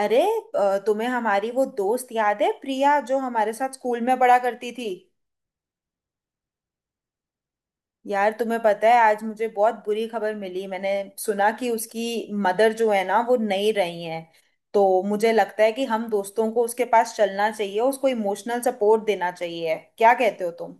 अरे तुम्हें हमारी वो दोस्त याद है प्रिया जो हमारे साथ स्कूल में पढ़ा करती थी। यार तुम्हें पता है, आज मुझे बहुत बुरी खबर मिली। मैंने सुना कि उसकी मदर जो है ना, वो नहीं रही हैं। तो मुझे लगता है कि हम दोस्तों को उसके पास चलना चाहिए, उसको इमोशनल सपोर्ट देना चाहिए। क्या कहते हो तुम?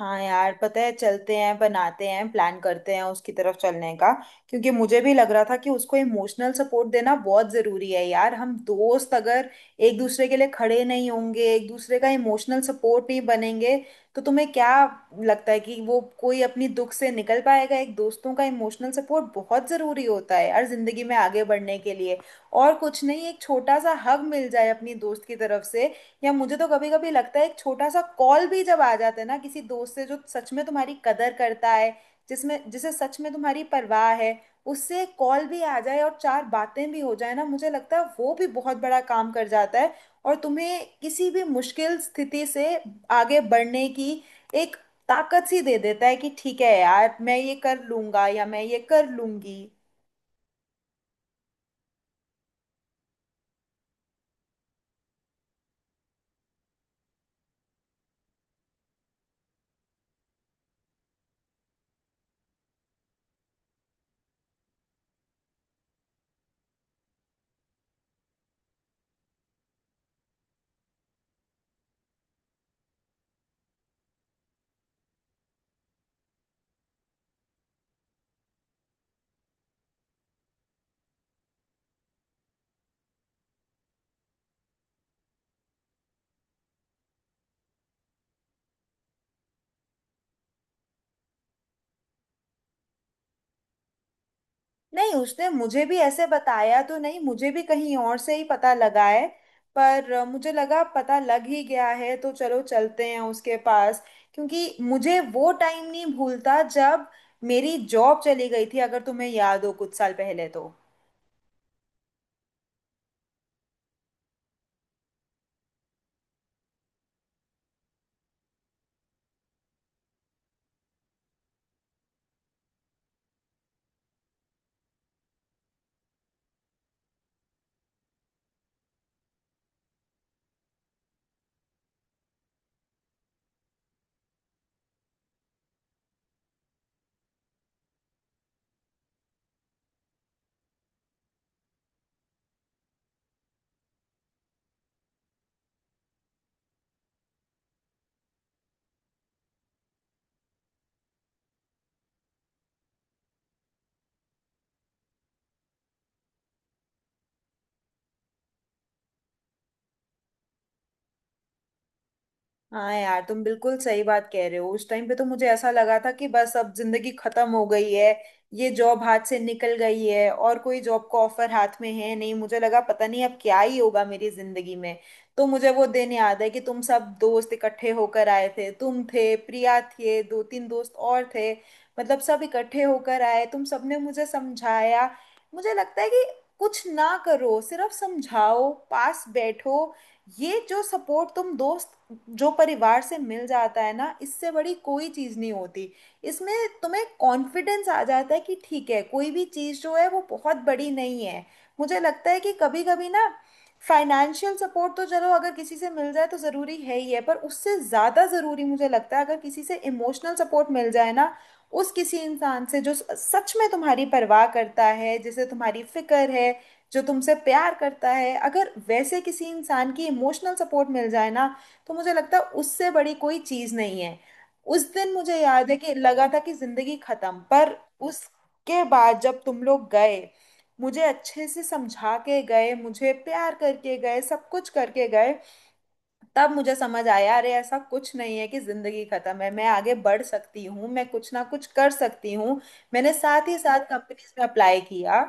हाँ यार, पता है, चलते हैं, बनाते हैं, प्लान करते हैं उसकी तरफ चलने का। क्योंकि मुझे भी लग रहा था कि उसको इमोशनल सपोर्ट देना बहुत ज़रूरी है। यार, हम दोस्त अगर एक दूसरे के लिए खड़े नहीं होंगे, एक दूसरे का इमोशनल सपोर्ट नहीं बनेंगे, तो तुम्हें क्या लगता है कि वो कोई अपनी दुख से निकल पाएगा। एक दोस्तों का इमोशनल सपोर्ट बहुत ज़रूरी होता है यार ज़िंदगी में आगे बढ़ने के लिए। और कुछ नहीं, एक छोटा सा हग मिल जाए अपनी दोस्त की तरफ से, या मुझे तो कभी कभी लगता है एक छोटा सा कॉल भी जब आ जाता है ना किसी दोस्त से जो सच में तुम्हारी कदर करता है, जिसमें जिसे सच में तुम्हारी परवाह है, उससे कॉल भी आ जाए और चार बातें भी हो जाए ना, मुझे लगता है वो भी बहुत बड़ा काम कर जाता है। और तुम्हें किसी भी मुश्किल स्थिति से आगे बढ़ने की एक ताकत सी दे देता है कि ठीक है यार, मैं ये कर लूंगा या मैं ये कर लूंगी। नहीं, उसने मुझे भी ऐसे बताया तो नहीं, मुझे भी कहीं और से ही पता लगा है। पर मुझे लगा पता लग ही गया है तो चलो चलते हैं उसके पास। क्योंकि मुझे वो टाइम नहीं भूलता जब मेरी जॉब चली गई थी, अगर तुम्हें याद हो कुछ साल पहले। तो हाँ यार, तुम बिल्कुल सही बात कह रहे हो। उस टाइम पे तो मुझे ऐसा लगा था कि बस अब जिंदगी खत्म हो गई है। ये जॉब हाथ से निकल गई है और कोई जॉब का ऑफर हाथ में है नहीं, मुझे लगा पता नहीं अब क्या ही होगा मेरी जिंदगी में। तो मुझे वो दिन याद है कि तुम सब दोस्त इकट्ठे होकर आए थे। तुम थे, प्रिया थे, दो तीन दोस्त और थे, मतलब सब इकट्ठे होकर आए, तुम सबने मुझे समझाया। मुझे लगता है कि कुछ ना करो, सिर्फ समझाओ, पास बैठो। ये जो सपोर्ट तुम दोस्त, जो परिवार से मिल जाता है ना, इससे बड़ी कोई चीज़ नहीं होती। इसमें तुम्हें कॉन्फिडेंस आ जाता है कि ठीक है, कोई भी चीज़ जो है वो बहुत बड़ी नहीं है। मुझे लगता है कि कभी कभी ना, फाइनेंशियल सपोर्ट तो चलो अगर किसी से मिल जाए तो ज़रूरी है ही है, पर उससे ज़्यादा ज़रूरी मुझे लगता है अगर किसी से इमोशनल सपोर्ट मिल जाए ना, उस किसी इंसान से जो सच में तुम्हारी परवाह करता है, जिसे तुम्हारी फिक्र है, जो तुमसे प्यार करता है, अगर वैसे किसी इंसान की इमोशनल सपोर्ट मिल जाए ना, तो मुझे लगता है उससे बड़ी कोई चीज नहीं है। उस दिन मुझे याद है कि लगा था कि जिंदगी खत्म, पर उसके बाद जब तुम लोग गए, मुझे अच्छे से समझा के गए, मुझे प्यार करके गए, सब कुछ करके गए, तब मुझे समझ आया अरे ऐसा कुछ नहीं है कि जिंदगी खत्म है, मैं आगे बढ़ सकती हूँ, मैं कुछ ना कुछ कर सकती हूँ। मैंने साथ ही साथ कंपनीज में अप्लाई किया।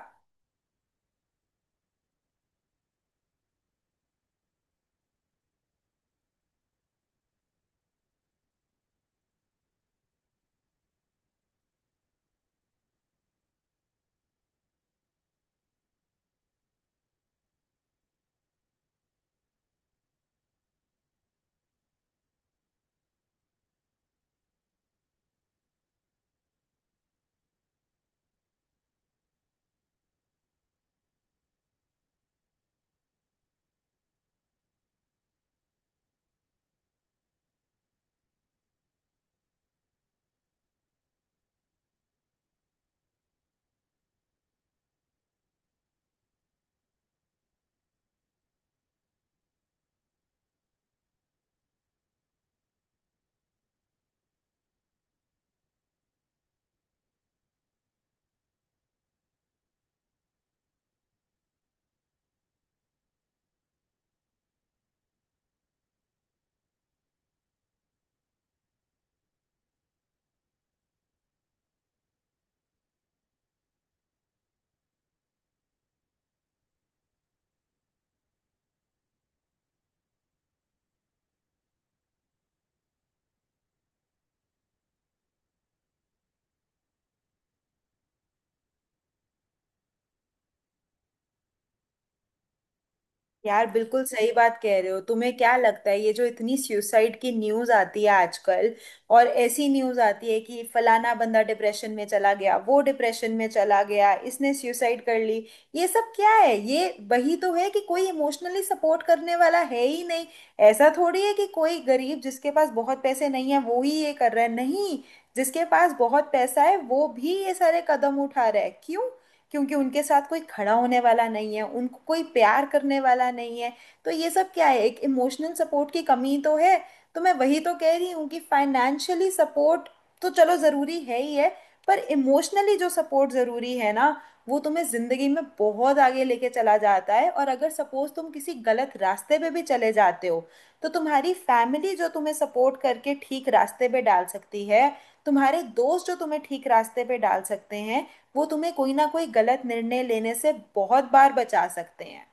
यार बिल्कुल सही बात कह रहे हो। तुम्हें क्या लगता है ये जो इतनी सुसाइड की न्यूज आती है आजकल, और ऐसी न्यूज आती है कि फलाना बंदा डिप्रेशन में चला गया, वो डिप्रेशन में चला गया, इसने सुसाइड कर ली। ये सब क्या है? ये वही तो है कि कोई इमोशनली सपोर्ट करने वाला है ही नहीं। ऐसा थोड़ी है कि कोई गरीब जिसके पास बहुत पैसे नहीं है, वो ही ये कर रहा है, नहीं, जिसके पास बहुत पैसा है वो भी ये सारे कदम उठा रहा है। क्यों? क्योंकि उनके साथ कोई खड़ा होने वाला नहीं है, उनको कोई प्यार करने वाला नहीं है। तो ये सब क्या है, एक इमोशनल सपोर्ट की कमी तो है। तो मैं वही तो कह रही हूँ कि फाइनेंशियली सपोर्ट तो चलो ज़रूरी है ही है, पर इमोशनली जो सपोर्ट ज़रूरी है ना, वो तुम्हें ज़िंदगी में बहुत आगे लेके चला जाता है। और अगर सपोज़ तुम किसी गलत रास्ते पे भी चले जाते हो, तो तुम्हारी फैमिली जो तुम्हें सपोर्ट करके ठीक रास्ते पे डाल सकती है, तुम्हारे दोस्त जो तुम्हें ठीक रास्ते पे डाल सकते हैं, वो तुम्हें कोई ना कोई गलत निर्णय लेने से बहुत बार बचा सकते हैं।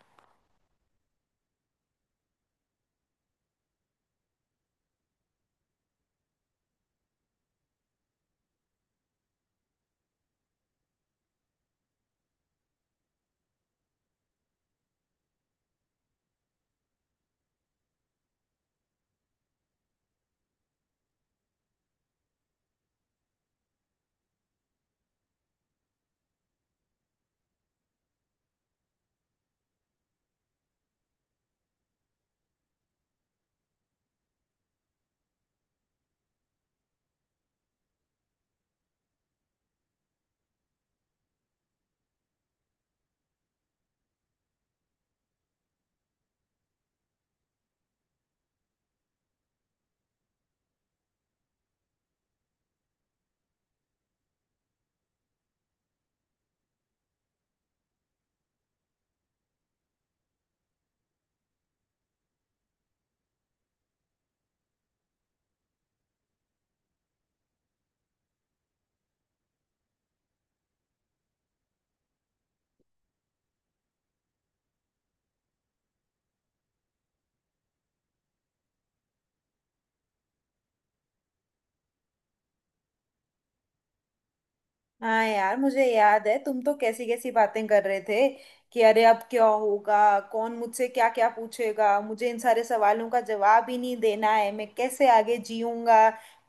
हाँ यार, मुझे याद है तुम तो कैसी कैसी बातें कर रहे थे कि अरे अब क्या होगा, कौन मुझसे क्या क्या पूछेगा, मुझे इन सारे सवालों का जवाब ही नहीं देना है, मैं कैसे आगे जीऊंगा,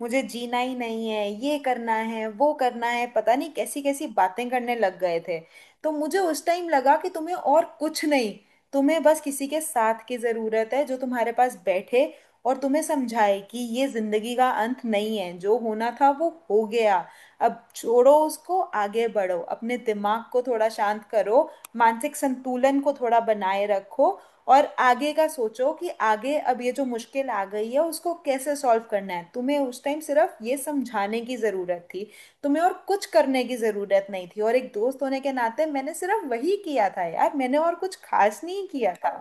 मुझे जीना ही नहीं है, ये करना है, वो करना है, पता नहीं कैसी कैसी बातें करने लग गए थे। तो मुझे उस टाइम लगा कि तुम्हें और कुछ नहीं, तुम्हें बस किसी के साथ की ज़रूरत है, जो तुम्हारे पास बैठे और तुम्हें समझाए कि ये ज़िंदगी का अंत नहीं है, जो होना था वो हो गया, अब छोड़ो उसको, आगे बढ़ो, अपने दिमाग को थोड़ा शांत करो, मानसिक संतुलन को थोड़ा बनाए रखो और आगे का सोचो कि आगे अब ये जो मुश्किल आ गई है उसको कैसे सॉल्व करना है। तुम्हें उस टाइम सिर्फ ये समझाने की ज़रूरत थी, तुम्हें और कुछ करने की ज़रूरत नहीं थी, और एक दोस्त होने के नाते मैंने सिर्फ वही किया था यार, मैंने और कुछ खास नहीं किया था।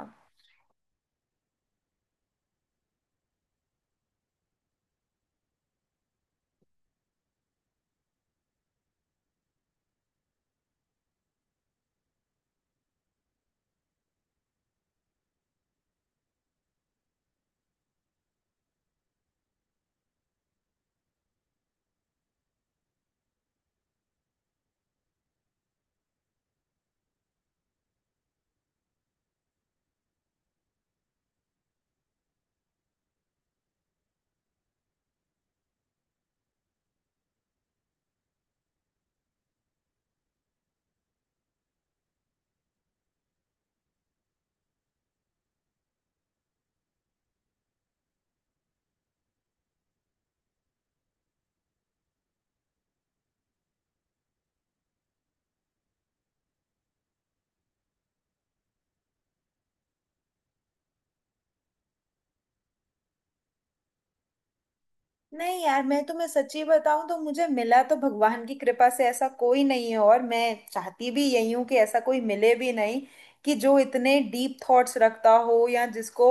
नहीं यार, मैं तुम्हें सच्ची बताऊं तो मुझे मिला तो भगवान की कृपा से ऐसा कोई नहीं है, और मैं चाहती भी यही हूं कि ऐसा कोई मिले भी नहीं, कि जो इतने डीप थॉट्स रखता हो या जिसको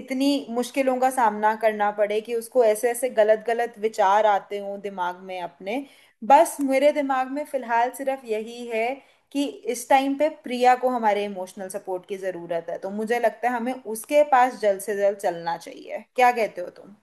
इतनी मुश्किलों का सामना करना पड़े कि उसको ऐसे ऐसे गलत गलत विचार आते हों दिमाग में अपने। बस मेरे दिमाग में फिलहाल सिर्फ यही है कि इस टाइम पे प्रिया को हमारे इमोशनल सपोर्ट की ज़रूरत है, तो मुझे लगता है हमें उसके पास जल्द से जल्द चलना चाहिए। क्या कहते हो तुम?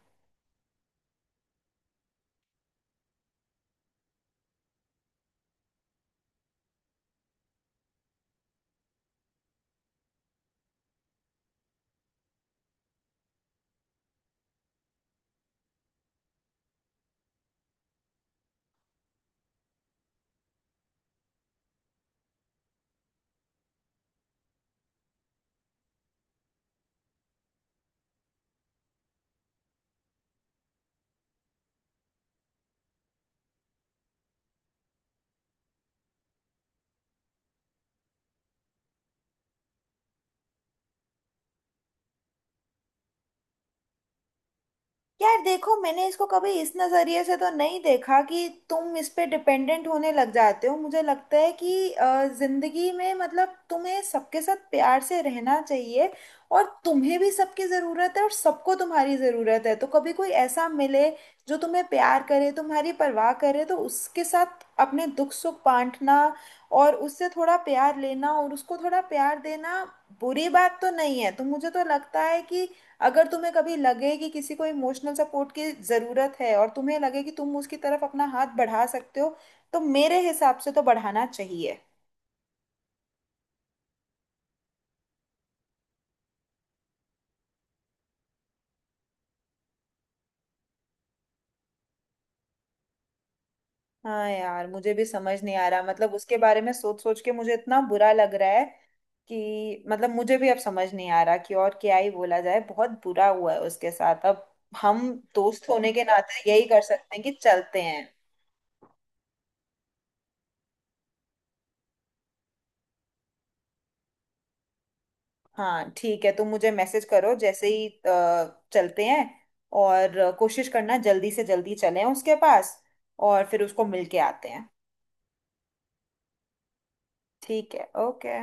यार देखो, मैंने इसको कभी इस नज़रिए से तो नहीं देखा कि तुम इस पे डिपेंडेंट होने लग जाते हो। मुझे लगता है कि जिंदगी में मतलब तुम्हें सबके साथ प्यार से रहना चाहिए, और तुम्हें भी सबकी ज़रूरत है और सबको तुम्हारी ज़रूरत है। तो कभी कोई ऐसा मिले जो तुम्हें प्यार करे, तुम्हारी परवाह करे, तो उसके साथ अपने दुख सुख बांटना, और उससे थोड़ा प्यार लेना और उसको थोड़ा प्यार देना बुरी बात तो नहीं है। तो मुझे तो लगता है कि अगर तुम्हें कभी लगे कि किसी को इमोशनल सपोर्ट की ज़रूरत है और तुम्हें लगे कि तुम उसकी तरफ अपना हाथ बढ़ा सकते हो, तो मेरे हिसाब से तो बढ़ाना चाहिए। हाँ यार, मुझे भी समझ नहीं आ रहा, मतलब उसके बारे में सोच सोच के मुझे इतना बुरा लग रहा है कि मतलब मुझे भी अब समझ नहीं आ रहा कि और क्या ही बोला जाए। बहुत बुरा हुआ है उसके साथ। अब हम दोस्त होने के नाते यही कर सकते हैं कि चलते हैं। हाँ ठीक है, तुम मुझे मैसेज करो, जैसे ही चलते हैं। और कोशिश करना जल्दी से जल्दी चलें उसके पास, और फिर उसको मिलके आते हैं। ठीक है, ओके।